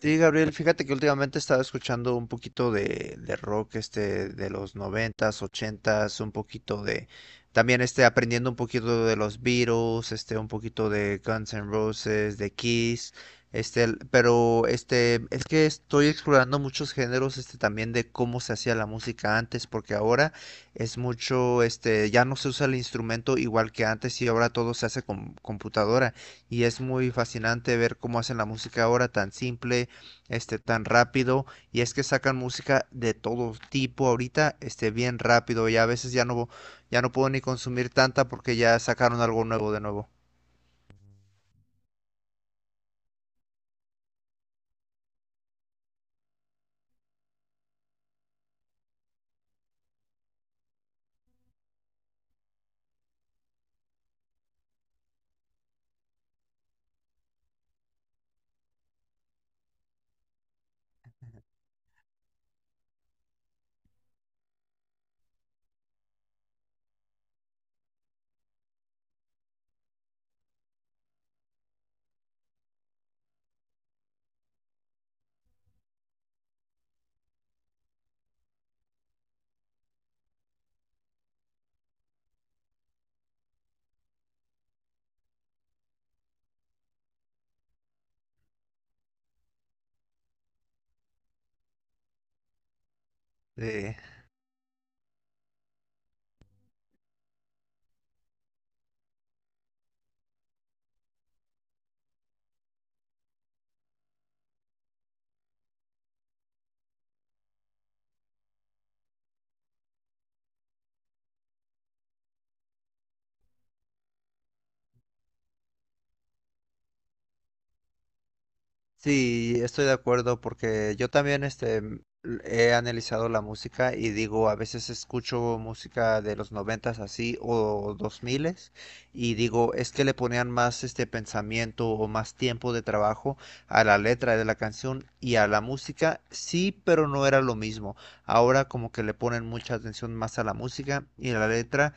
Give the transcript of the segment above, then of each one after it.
Sí, Gabriel, fíjate que últimamente he estado escuchando un poquito de rock de los noventas, ochentas, un poquito de también aprendiendo un poquito de los Beatles, un poquito de Guns N' Roses, de Kiss, pero es que estoy explorando muchos géneros también de cómo se hacía la música antes, porque ahora es mucho, ya no se usa el instrumento igual que antes y ahora todo se hace con computadora y es muy fascinante ver cómo hacen la música ahora tan simple, tan rápido. Y es que sacan música de todo tipo ahorita, bien rápido. Y a veces ya no puedo ni consumir tanta porque ya sacaron algo nuevo de nuevo. Eh, Sí, estoy de acuerdo porque yo también he analizado la música y digo, a veces escucho música de los noventas así o dos miles y digo, es que le ponían más pensamiento o más tiempo de trabajo a la letra de la canción y a la música, sí, pero no era lo mismo. Ahora como que le ponen mucha atención más a la música y a la letra,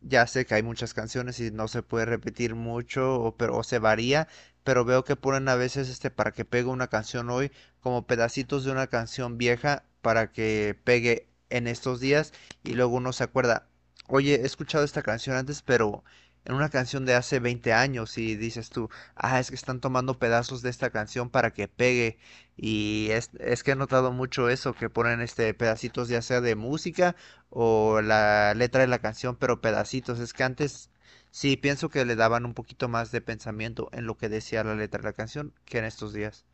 ya sé que hay muchas canciones y no se puede repetir mucho, o, pero, o se varía, pero veo que ponen a veces, para que pegue una canción hoy, como pedacitos de una canción vieja para que pegue en estos días y luego uno se acuerda, oye, he escuchado esta canción antes, pero en una canción de hace 20 años y dices tú, ah, es que están tomando pedazos de esta canción para que pegue. Y es que he notado mucho eso, que ponen pedacitos ya sea de música o la letra de la canción, pero pedacitos. Es que antes sí pienso que le daban un poquito más de pensamiento en lo que decía la letra de la canción que en estos días.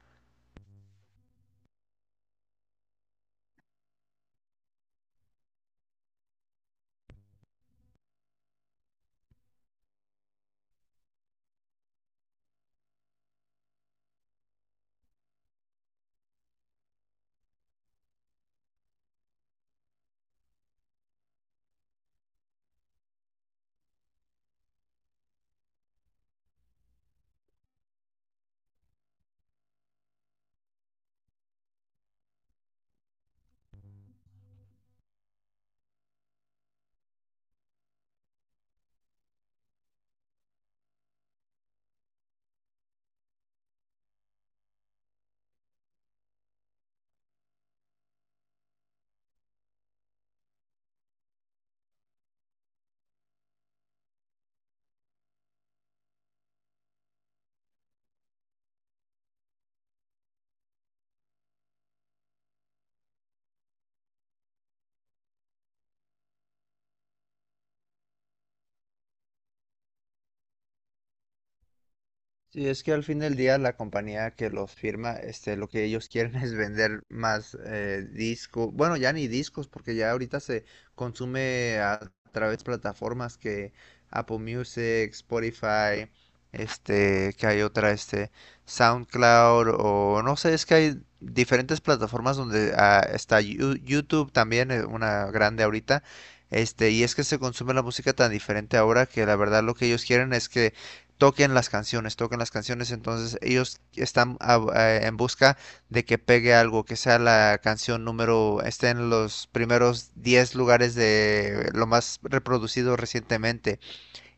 Sí, es que al fin del día la compañía que los firma, lo que ellos quieren es vender más discos, bueno, ya ni discos, porque ya ahorita se consume a través de plataformas que Apple Music, Spotify, que hay otra, SoundCloud, o no sé, es que hay diferentes plataformas donde ah, está YouTube también, una grande ahorita, y es que se consume la música tan diferente ahora que la verdad lo que ellos quieren es que toquen las canciones, entonces ellos están en busca de que pegue algo, que sea la canción número, esté en los primeros 10 lugares de lo más reproducido recientemente.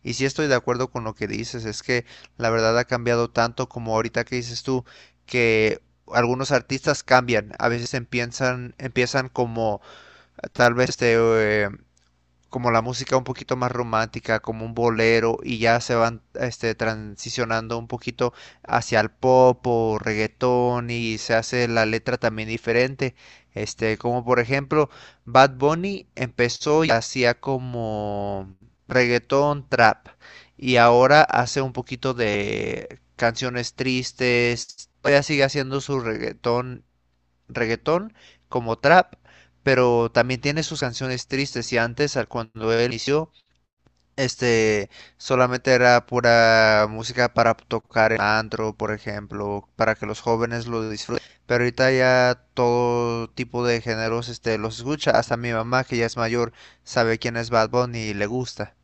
Y sí estoy de acuerdo con lo que dices, es que la verdad ha cambiado tanto como ahorita que dices tú, que algunos artistas cambian, a veces empiezan como tal vez eh, como la música un poquito más romántica, como un bolero, y ya se van, transicionando un poquito hacia el pop o reggaetón y se hace la letra también diferente. Como por ejemplo, Bad Bunny empezó y hacía como reggaetón, trap, y ahora hace un poquito de canciones tristes. Todavía sigue haciendo su reggaetón como trap, pero también tiene sus canciones tristes y antes, cuando él inició, este, solamente era pura música para tocar en antro, por ejemplo, para que los jóvenes lo disfruten. Pero ahorita ya todo tipo de géneros, los escucha. Hasta mi mamá, que ya es mayor, sabe quién es Bad Bunny y le gusta.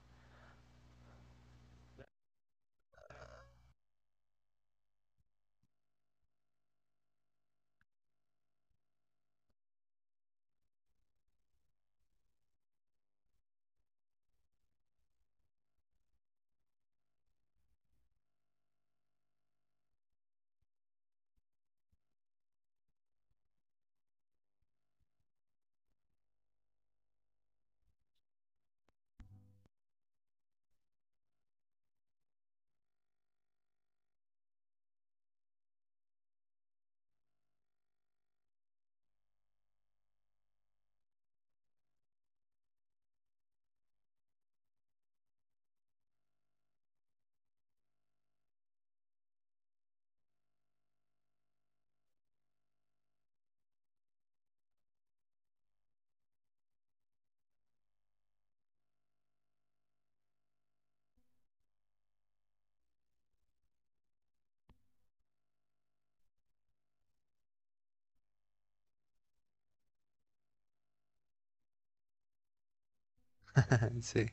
Sí.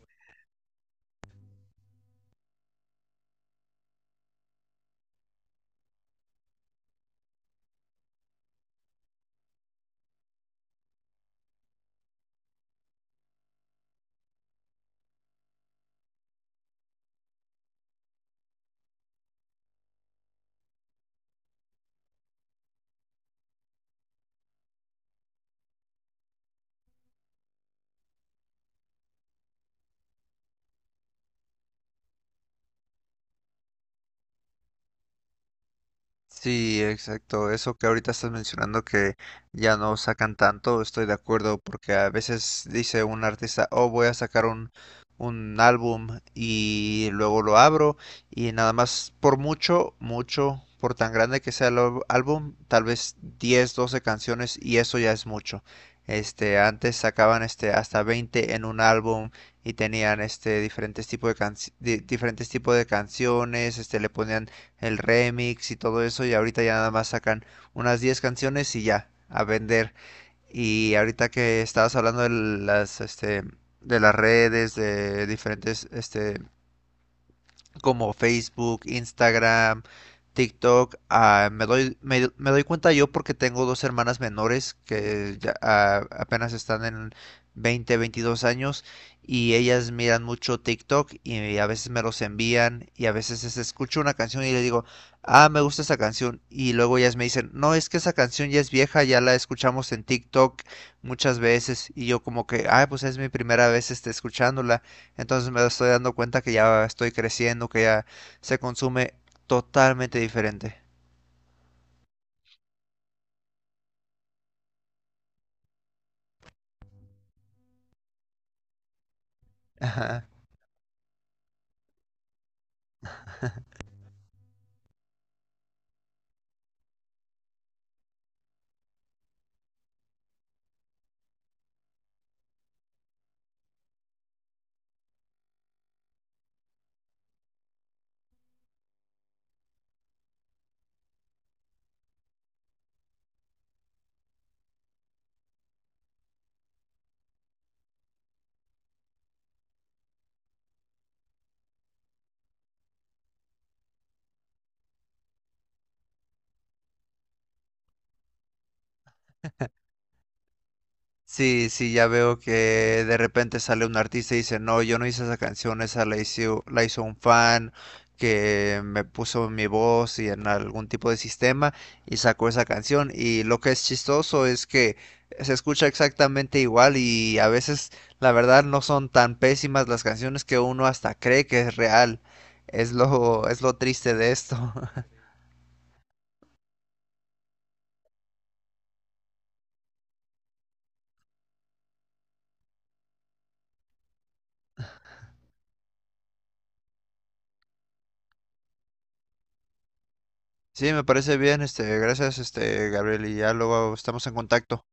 Sí, exacto. Eso que ahorita estás mencionando que ya no sacan tanto, estoy de acuerdo, porque a veces dice un artista, oh, voy a sacar un álbum y luego lo abro y nada más por mucho, mucho, por tan grande que sea el álbum, tal vez 10, 12 canciones y eso ya es mucho. Antes sacaban hasta 20 en un álbum y tenían diferentes tipos de diferentes tipos de canciones, le ponían el remix y todo eso, y ahorita ya nada más sacan unas 10 canciones y ya, a vender. Y ahorita que estabas hablando de las, de las redes, de diferentes, como Facebook, Instagram, TikTok, ah, me doy cuenta yo porque tengo dos hermanas menores que ya, ah, apenas están en 20, 22 años y ellas miran mucho TikTok y a veces me los envían y a veces escucho una canción y le digo, ah, me gusta esa canción y luego ellas me dicen, no, es que esa canción ya es vieja, ya la escuchamos en TikTok muchas veces y yo como que, ah, pues es mi primera vez, escuchándola, entonces me estoy dando cuenta que ya estoy creciendo, que ya se consume totalmente diferente. Sí, sí, ya veo que de repente sale un artista y dice, no, yo no hice esa canción, esa la hizo un fan que me puso mi voz y en algún tipo de sistema y sacó esa canción. Y lo que es chistoso es que se escucha exactamente igual y a veces la verdad no son tan pésimas las canciones que uno hasta cree que es real. Es lo triste de esto. Sí, me parece bien, gracias, Gabriel, y ya luego estamos en contacto.